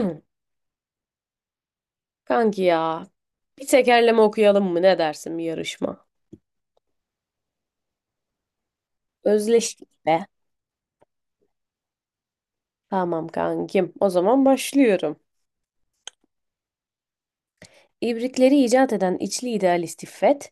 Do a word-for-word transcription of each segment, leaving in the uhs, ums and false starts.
Hı, kanki ya. Bir tekerleme okuyalım mı? Ne dersin, bir yarışma? Özleştik be. Tamam kankim. O zaman başlıyorum. İbrikleri icat eden içli idealist İffet,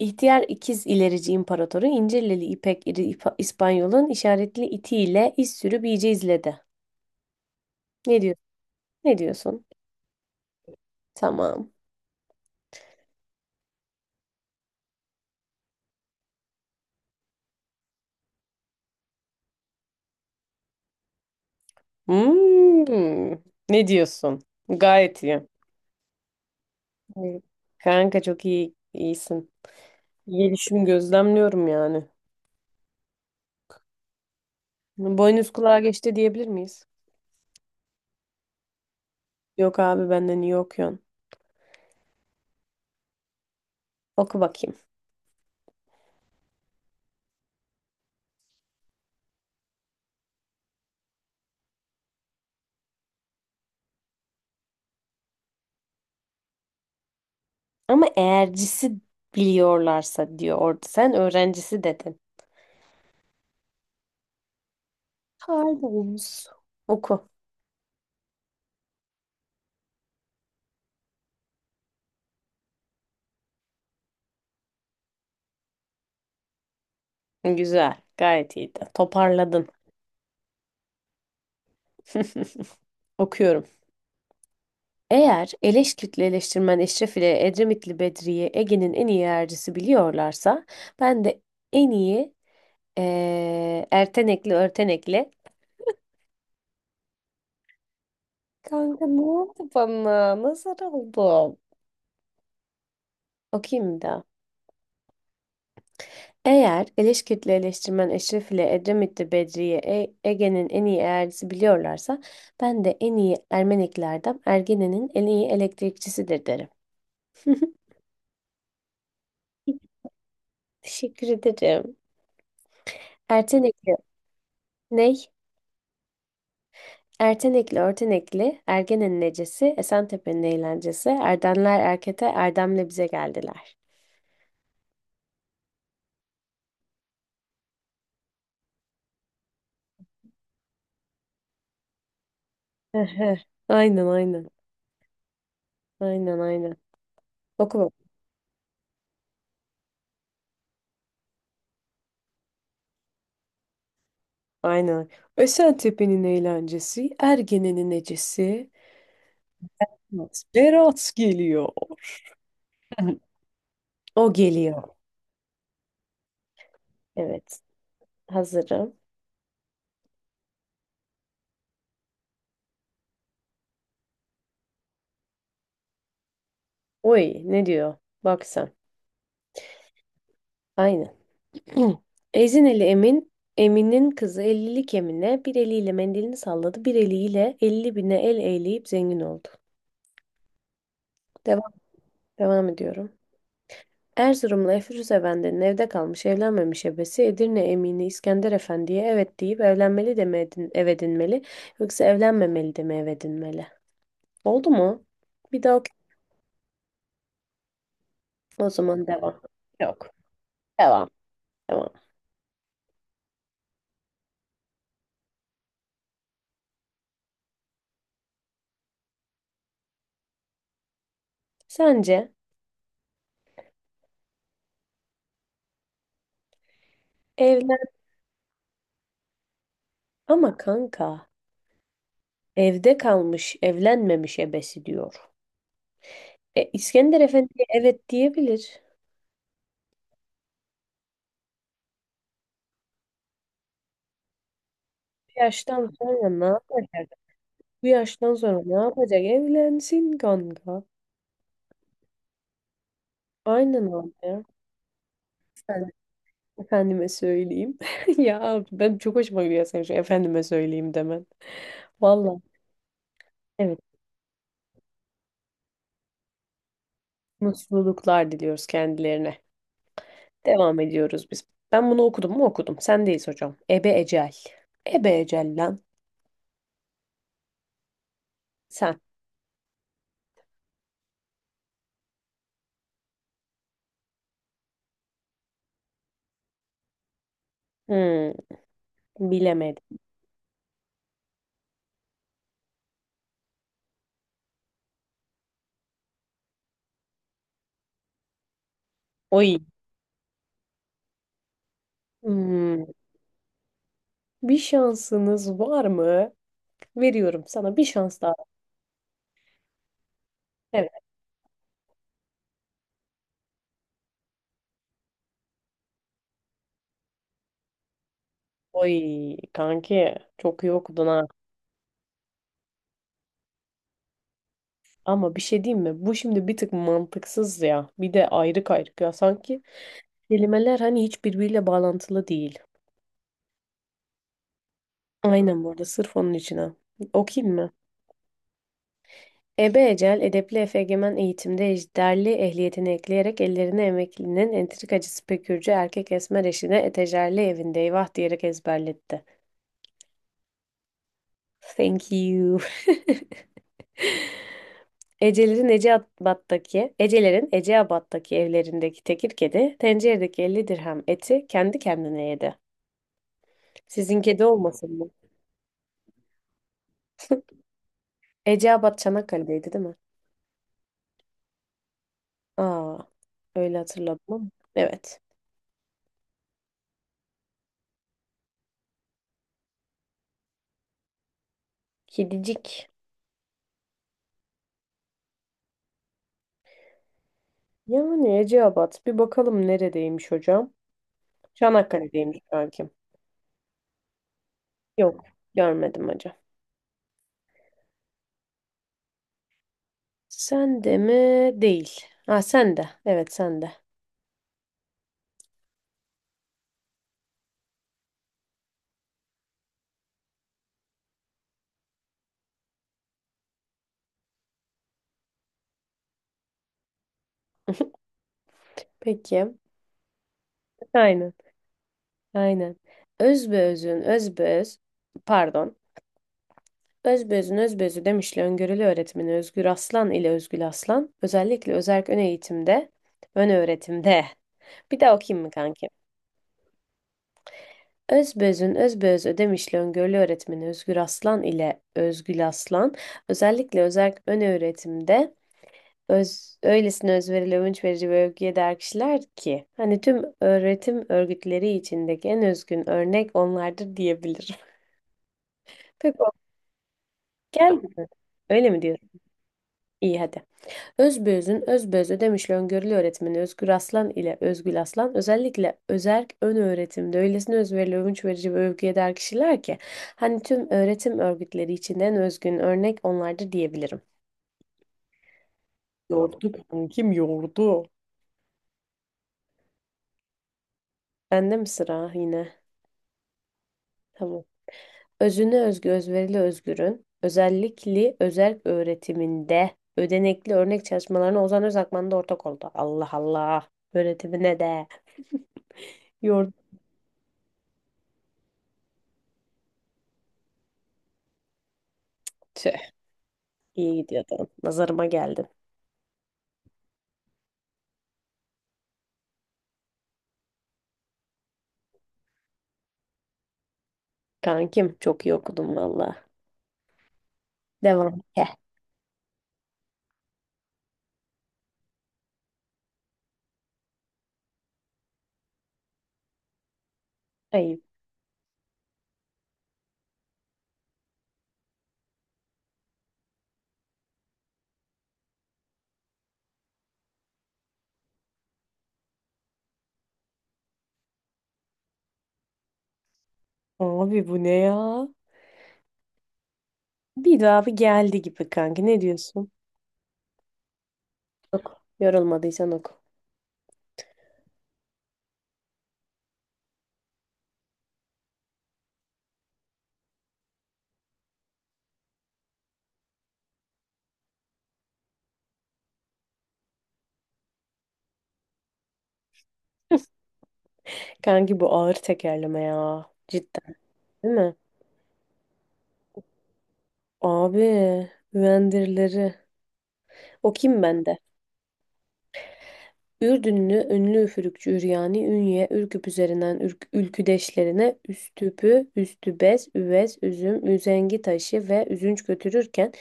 ihtiyar ikiz ilerici imparatoru İncirlili İpek İri İpa- İspanyol'un işaretli itiyle iz sürüp iyice izledi. Ne diyorsun? Ne diyorsun? Tamam. Hmm. Ne diyorsun? Gayet iyi. Evet. Kanka çok iyi iyisin. Gelişim gözlemliyorum yani. Boynuz kulağa geçti diyebilir miyiz? Yok abi benden iyi okuyorsun. Oku bakayım. Ama eğercisi biliyorlarsa diyor orada. Sen öğrencisi dedin. Pardon. Oku. Güzel. Gayet iyiydi. Toparladın. Okuyorum. Eğer Eleşkütlü eleştirmen Eşref ile Edremitli Bedri'yi Ege'nin en iyi eğercisi biliyorlarsa ben de en iyi eee Ertenekli Örtenekli. Kanka ne oldu bana? Nazar oldum. Okuyayım da. Eğer Eleşkirtli eleştirmen Eşref ile Edremitli Bedriye E- Ege'nin en iyi eğercisi biliyorlarsa ben de en iyi Ermeniklerden Ergene'nin en iyi elektrikçisidir derim. Teşekkür ederim. Ertenekli ney? Ertenekli Örtenekli, Ergene'nin necesi, Esentepe'nin eğlencesi, Erdemler Erkete, Erdem'le bize geldiler. Ehe. Aynen aynen. Aynen aynen. Oku bak. Aynen. Esentepe'nin eğlencesi, Ergene'nin necesi. Evet, Berat geliyor. O geliyor. Evet. Hazırım. Oy, ne diyor? Bak sen. Aynen. Ezin Emin. Emin'in kızı ellilik Emine bir eliyle mendilini salladı. Bir eliyle elli bine el eğleyip zengin oldu. Devam, devam ediyorum. Erzurumlu Efruz Efendi'nin evde kalmış evlenmemiş ebesi Edirne Emini İskender Efendi'ye evet deyip evlenmeli de mi edin, ev edinmeli yoksa evlenmemeli de mi ev edinmeli? Oldu mu? Bir daha. O zaman devam. Yok. Devam. Devam. Sence evlen, ama kanka evde kalmış evlenmemiş ebesi diyor. E, İskender Efendi'ye evet diyebilir. Bu yaştan sonra ne yapacak? Bu yaştan sonra ne yapacak? Evlensin kanka. Aynen abi. Sen- Efendime söyleyeyim. Ya abi, ben çok hoşuma gidiyor senin şu efendime söyleyeyim demen. Vallahi evet. Mutluluklar diliyoruz kendilerine. Devam ediyoruz biz. Ben bunu okudum mu okudum. Sen, sendeyiz hocam. Ebe Ecel. Ebe Ecel lan. Sen. Hmm, bilemedim. Oy. Hmm, bir şansınız var mı? Veriyorum sana bir şans daha. Evet. Oy kanki, çok iyi okudun ha. Ama bir şey diyeyim mi? Bu şimdi bir tık mantıksız ya. Bir de ayrık ayrık ya. Sanki kelimeler hani hiç birbiriyle bağlantılı değil. Aynen, bu arada sırf onun için ha. Okuyayım mı? Ebe Ecel, edepli efegemen eğitimde ejderli ehliyetini ekleyerek ellerine emeklinin entrikacı pekürcü erkek esmer eşine etejerli evinde eyvah diyerek ezberletti. Thank you. Ecelerin Eceabat'taki, Ecelerin Eceabat'taki evlerindeki tekir kedi, tenceredeki elli dirhem eti kendi kendine yedi. Sizin kedi olmasın mı? Eceabat Çanakkale'deydi değil mi? Aa, öyle hatırladım ama. Evet. Kedicik. Yani Eceabat, bir bakalım neredeymiş hocam. Çanakkale'deymiş kankim. Yok, görmedim hocam. Sen de mi? Değil. Ha, sen de. Evet, sen de. Peki. Aynen. Aynen. Özbeözün özbeöz pardon. Özbeözün özbeözü demişle öngörülü öğretmeni Özgür Aslan ile Özgül Aslan özellikle özerk ön eğitimde ön öğretimde. Bir daha okuyayım mı kankim? Özbeözün özbeöz ödemişli öngörülü öğretmeni Özgür Aslan ile Özgül Aslan özellikle özerk ön öğretimde öz, öylesine özverili, övünç verici ve övgüye değer kişiler ki hani tüm öğretim örgütleri içindeki en özgün örnek onlardır diyebilirim. Peki o geldi mi? Öyle mi diyorsun? İyi hadi. Özbeözün özbeöz ödemişli öngörülü öğretmeni Özgür Aslan ile Özgül Aslan özellikle özerk ön öğretimde öylesine özverili, övünç verici ve övgüye değer kişiler ki hani tüm öğretim örgütleri içinden özgün örnek onlardır diyebilirim. Doğru. Bende mi sıra yine? Tamam. Özüne özgü, özverili özgürün özellikle özel öğretiminde ödenekli örnek çalışmalarına Ozan Özakman da ortak oldu. Allah Allah. Öğretimine de. Yurt. Tüh, iyi gidiyordun. Nazarıma geldin. Kankim, çok iyi okudum valla. Devam. Heh. Ayıp. Abi bu ne ya? Bir daha bir geldi gibi kanki. Ne diyorsun? Yorulmadıysan oku. Kanki bu ağır tekerleme ya. Cidden değil mi? Abi. Vendirileri. Okuyayım ben de. Ürdünlü ünlü üfürükçü Üryani, Ünye, Ürküp üzerinden ürk, ülküdeşlerine Üstüpü, Üstübez, Üvez, Üzüm, Üzengi taşı ve üzünç götürürken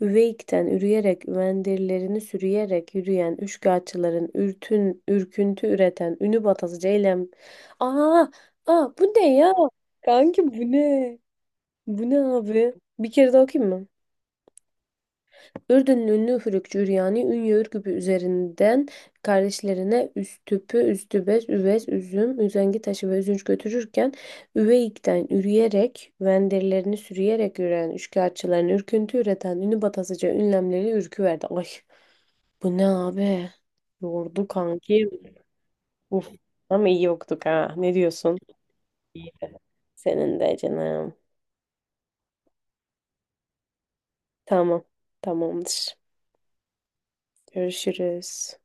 Üveyik'ten ürüyerek, Üvendirlerini sürüyerek yürüyen Üçkağıtçıların ürtün, ürküntü üreten Ünü batası Ceylem. Aa, aa bu ne ya? Kanki bu ne? Bu ne abi? Bir kere daha okuyayım mı? Ürdünlü ünlü üfürükçü Üryani Ünye Ürgüp'ü üzerinden kardeşlerine Üstüp'ü, Üstübez, Üvez, Üzüm, Üzengi taşı ve Üzünç götürürken Üveyik'ten üreyerek, venderlerini sürüyerek üreyen üçkağıtçıların ürküntü üreten ünlü batasıca ünlemleri ürküverdi. Ay, bu ne abi? Yordu kanki. Uf. Ama iyi yoktuk ha. Ne diyorsun? Senin de canım. Tamam. Tamamdır. Görüşürüz.